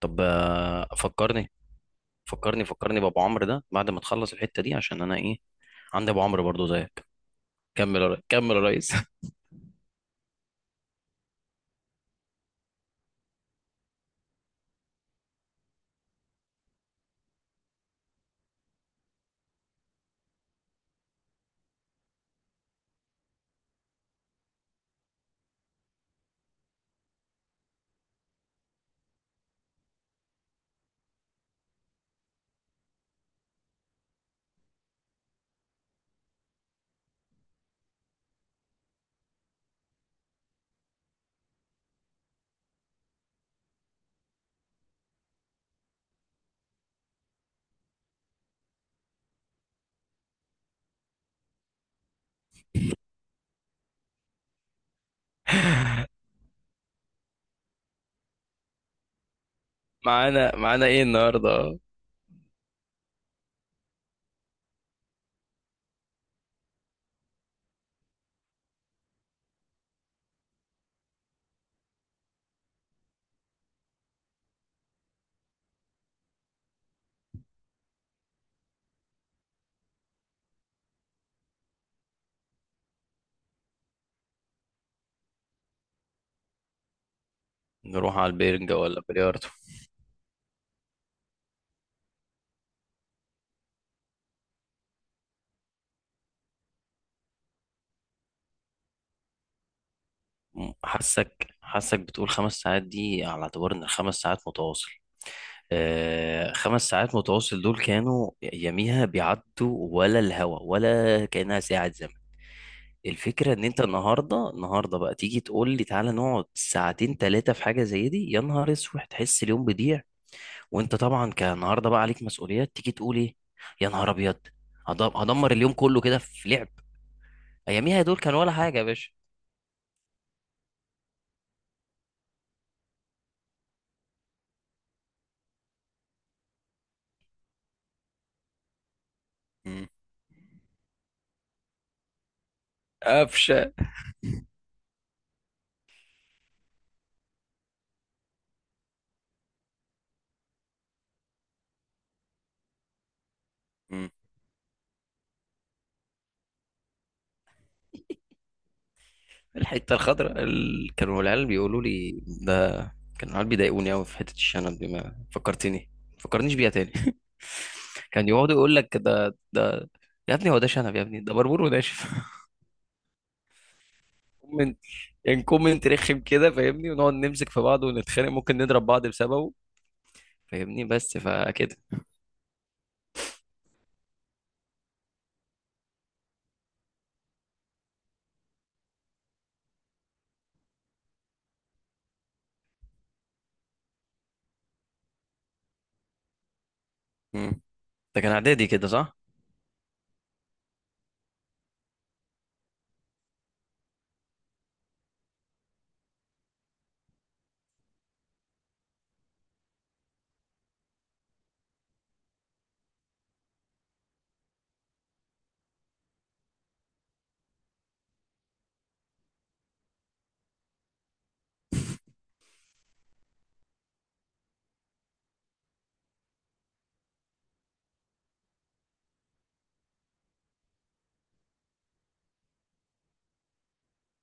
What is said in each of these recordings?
طب فكرني بابو عمرو ده بعد ما تخلص الحتة دي عشان انا ايه. عندي ابو عمرو برضو زيك. كمل يا ريس. معانا ايه النهارده؟ نروح على البرجا ولا بلياردو؟ حاسك بتقول 5 ساعات دي على اعتبار ان الـ 5 ساعات متواصل. 5 ساعات متواصل دول كانوا يميها بيعدوا ولا الهوا ولا كأنها ساعة. الفكرة ان انت النهاردة بقى تيجي تقول لي تعالى نقعد ساعتين تلاتة في حاجة زي دي، يا نهار اسود، تحس اليوم بيضيع. وانت طبعا كنهاردة بقى عليك مسؤوليات تيجي تقول ايه، يا نهار ابيض، هدمر اليوم كله كده في لعب. اياميها دول كان ولا حاجة يا باشا. مم. قفشة. مم. الحتة الخضراء كانوا العيال بيقولوا لي ده. كانوا العيال بيضايقوني قوي في حتة الشنب دي، ما فكرتني، فكرنيش بيها تاني. كان يقعدوا يقول لك ده. يا ابني هو ده شنب؟ يا ابني ده بربور وناشف. كومنت. يعني كومنت رخم كده فاهمني، ونقعد نمسك في بعض ونتخانق، ممكن نضرب بعض بسببه. فاهمني بس فكده. مم. ده كان اعدادي كده صح؟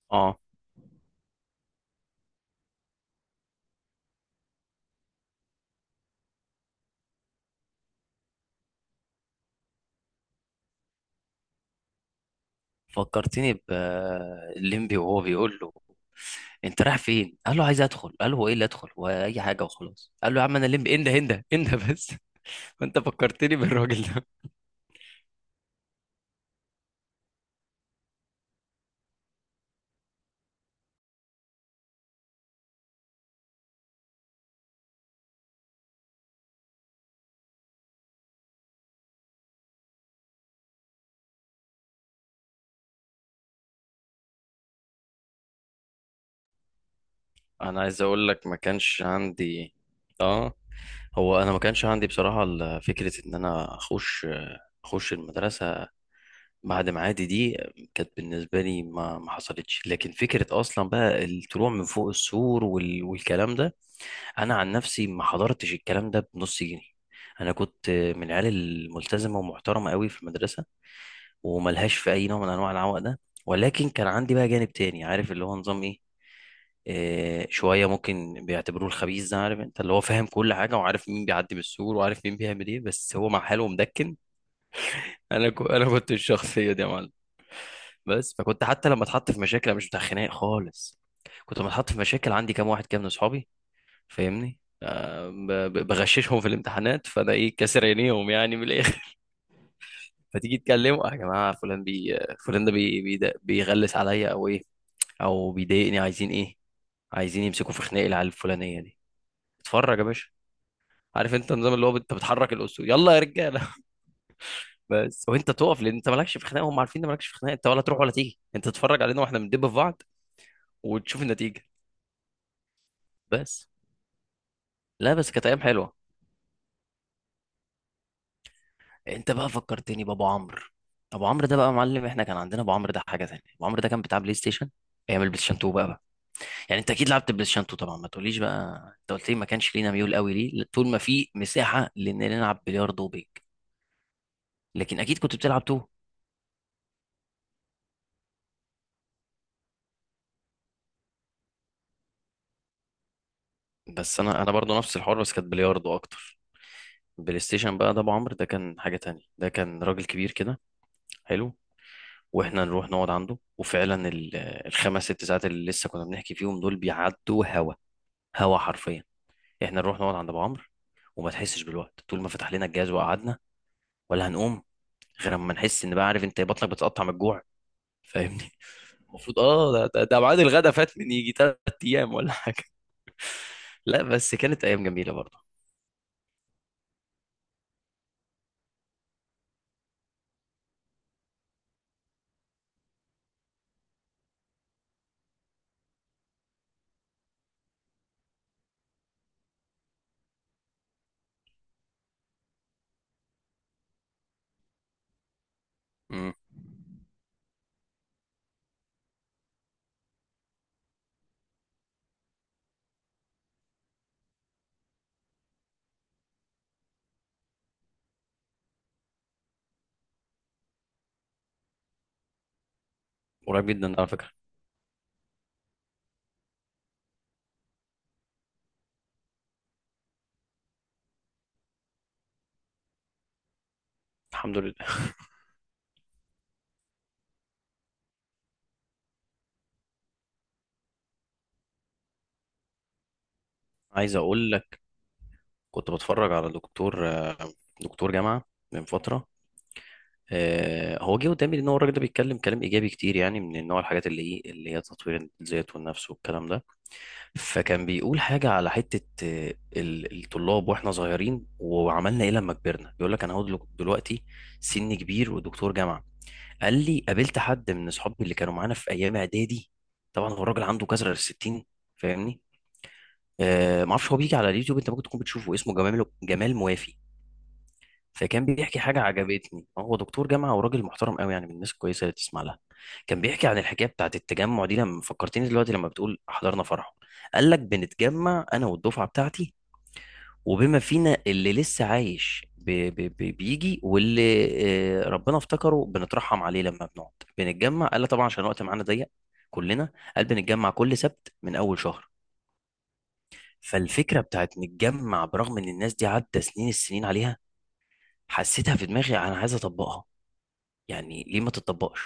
اه فكرتني بليمبي وهو بيقول له انت رايح فين؟ قال له عايز ادخل. قال له هو ايه اللي ادخل واي حاجه وخلاص. قال له يا عم انا ليمبي، انده انده انده بس. فانت فكرتني بالراجل ده. انا عايز اقول لك ما كانش عندي. اه هو انا ما كانش عندي بصراحه فكره ان انا اخش، اخش المدرسه بعد معادي دي، كانت بالنسبة لي ما حصلتش. لكن فكرة أصلا بقى الطلوع من فوق السور والكلام ده، أنا عن نفسي ما حضرتش الكلام ده بنص جنيه. أنا كنت من العيال الملتزمة ومحترمة قوي في المدرسة، وملهاش في أي نوع من أنواع العوق ده. ولكن كان عندي بقى جانب تاني، عارف اللي هو نظام إيه، شوية ممكن بيعتبروه الخبيث ده، عارف أنت اللي هو فاهم كل حاجة وعارف مين بيعدي من السور وعارف مين بيعمل إيه بس هو مع حاله مدكن. أنا كنت الشخصية دي يا معلم. بس فكنت حتى لما اتحط في مشاكل أنا مش بتاع خناق خالص. كنت لما اتحط في مشاكل عندي كام واحد كده من اصحابي، فاهمني، ب- بغششهم في الامتحانات، فانا ايه كاسر عينيهم يعني من الاخر. فتيجي تكلمه يا جماعه فلان ده بي بيغلس عليا او ايه، او بيضايقني عايزين ايه، عايزين يمسكوا في خناق العيال الفلانيه دي. اتفرج يا باشا، عارف انت النظام، اللي هو انت بتحرك الاسود، يلا يا رجاله. بس وانت تقف، لان انت مالكش في خناق، هم عارفين ان مالكش في خناق انت، ولا تروح ولا تيجي، انت تتفرج علينا واحنا بندب في بعض وتشوف النتيجه. بس. لا بس كانت ايام حلوه. انت بقى فكرتني بابو عمرو. ابو عمرو ده بقى معلم. احنا كان عندنا ابو عمرو ده حاجه تانية. ابو عمرو ده كان بتاع بلاي ستيشن ايام البلاي ستيشن 2 بقى. يعني انت اكيد لعبت بلاي ستيشن 2 طبعا، ما تقوليش بقى. انت قلت لي ما كانش لينا ميول قوي ليه طول ما في مساحه لان نلعب بلياردو وبينج. لكن اكيد كنت بتلعب 2. بس انا برضو نفس الحوار بس كانت بلياردو اكتر. بلاي ستيشن بقى، ده ابو عمرو ده كان حاجه تانية. ده كان راجل كبير كده حلو. واحنا نروح نقعد عنده، وفعلا الخمس ست ساعات اللي لسه كنا بنحكي فيهم دول بيعدوا هوا، هوا حرفيا. احنا نروح نقعد عند ابو عمرو وما تحسش بالوقت، طول ما فتح لنا الجهاز وقعدنا، ولا هنقوم غير اما نحس ان بقى عارف انت بطنك بتقطع من الجوع فاهمني. المفروض اه ده ميعاد الغدا فات من يجي 3 ايام ولا حاجه. لا بس كانت ايام جميله برضه. امم قريب جدا على فكره. الحمد لله. عايز اقول لك كنت بتفرج على دكتور جامعه من فتره. هو جه قدامي ان هو الراجل ده بيتكلم كلام ايجابي كتير، يعني من نوع الحاجات اللي ايه اللي هي تطوير الذات والنفس والكلام ده. فكان بيقول حاجة على حتة الطلاب، واحنا صغيرين وعملنا ايه لما كبرنا. بيقول لك انا هو دلوقتي سني كبير ودكتور جامعة. قال لي قابلت حد من اصحابي اللي كانوا معانا في ايام اعدادي. طبعا هو الراجل عنده كسر 60 فاهمني. ما اعرفش هو بيجي على اليوتيوب، انت ممكن تكون بتشوفه، اسمه جمال موافي. فكان بيحكي حاجة عجبتني، هو دكتور جامعة وراجل محترم قوي يعني من الناس الكويسة اللي تسمع لها. كان بيحكي عن الحكاية بتاعت التجمع دي، لما فكرتني دلوقتي لما بتقول حضرنا فرحه. قال لك بنتجمع أنا والدفعة بتاعتي، وبما فينا اللي لسه عايش بيجي، واللي ربنا افتكره بنترحم عليه لما بنقعد بنتجمع. قال لك طبعا عشان الوقت معانا ضيق كلنا، قال بنتجمع كل سبت من أول شهر. فالفكرة بتاعت نتجمع برغم إن الناس دي عدى سنين، السنين عليها، حسيتها في دماغي أنا عايز أطبقها. يعني ليه ما تطبقش،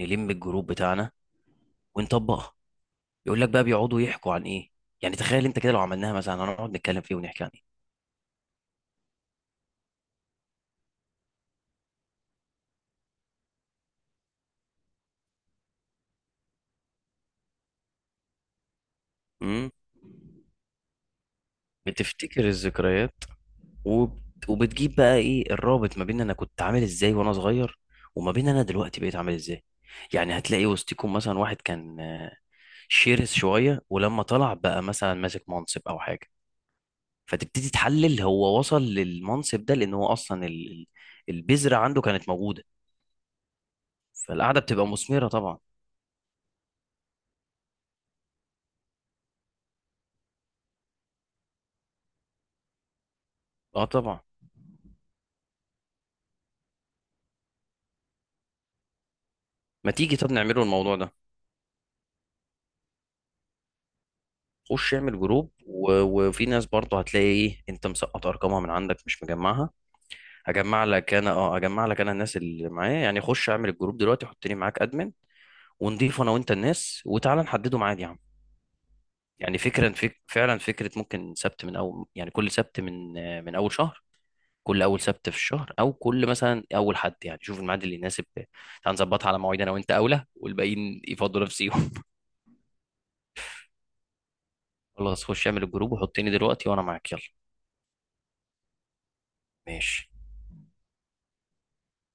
نلم الجروب بتاعنا ونطبقها. يقول لك بقى بيقعدوا يحكوا عن ايه، يعني تخيل انت كده لو عملناها مثلا هنقعد نتكلم فيه ونحكي عن ايه. امم بتفتكر الذكريات. وب... وبتجيب بقى ايه الرابط ما بين انا كنت عامل ازاي وانا صغير وما بين انا دلوقتي بقيت عامل ازاي. يعني هتلاقي وسطكم مثلا واحد كان شرس شوية، ولما طلع بقى مثلا ماسك منصب او حاجة، فتبتدي تحلل هو وصل للمنصب ده لان هو اصلا البذرة عنده كانت موجودة. فالقعدة بتبقى مثمرة طبعا. اه طبعا. ما تيجي طب نعمله الموضوع ده. خش اعمل جروب وفي ناس برضه هتلاقي ايه انت مسقط ارقامها من عندك مش مجمعها. هجمع لك انا الناس اللي معايا، يعني خش اعمل الجروب دلوقتي حطني معاك ادمن، ونضيف انا وانت الناس، وتعالى نحدده ميعاد يا عم. يعني فعلا فكرة ممكن سبت من اول، يعني كل سبت من اول شهر، كل اول سبت في الشهر او كل مثلا اول حد، يعني شوف الميعاد اللي يناسب، تعال نظبطها على مواعيد. انا وانت اولى والباقيين يفضلوا نفسي. خلاص خش اعمل الجروب وحطني دلوقتي، وانا معاك يلا. ماشي.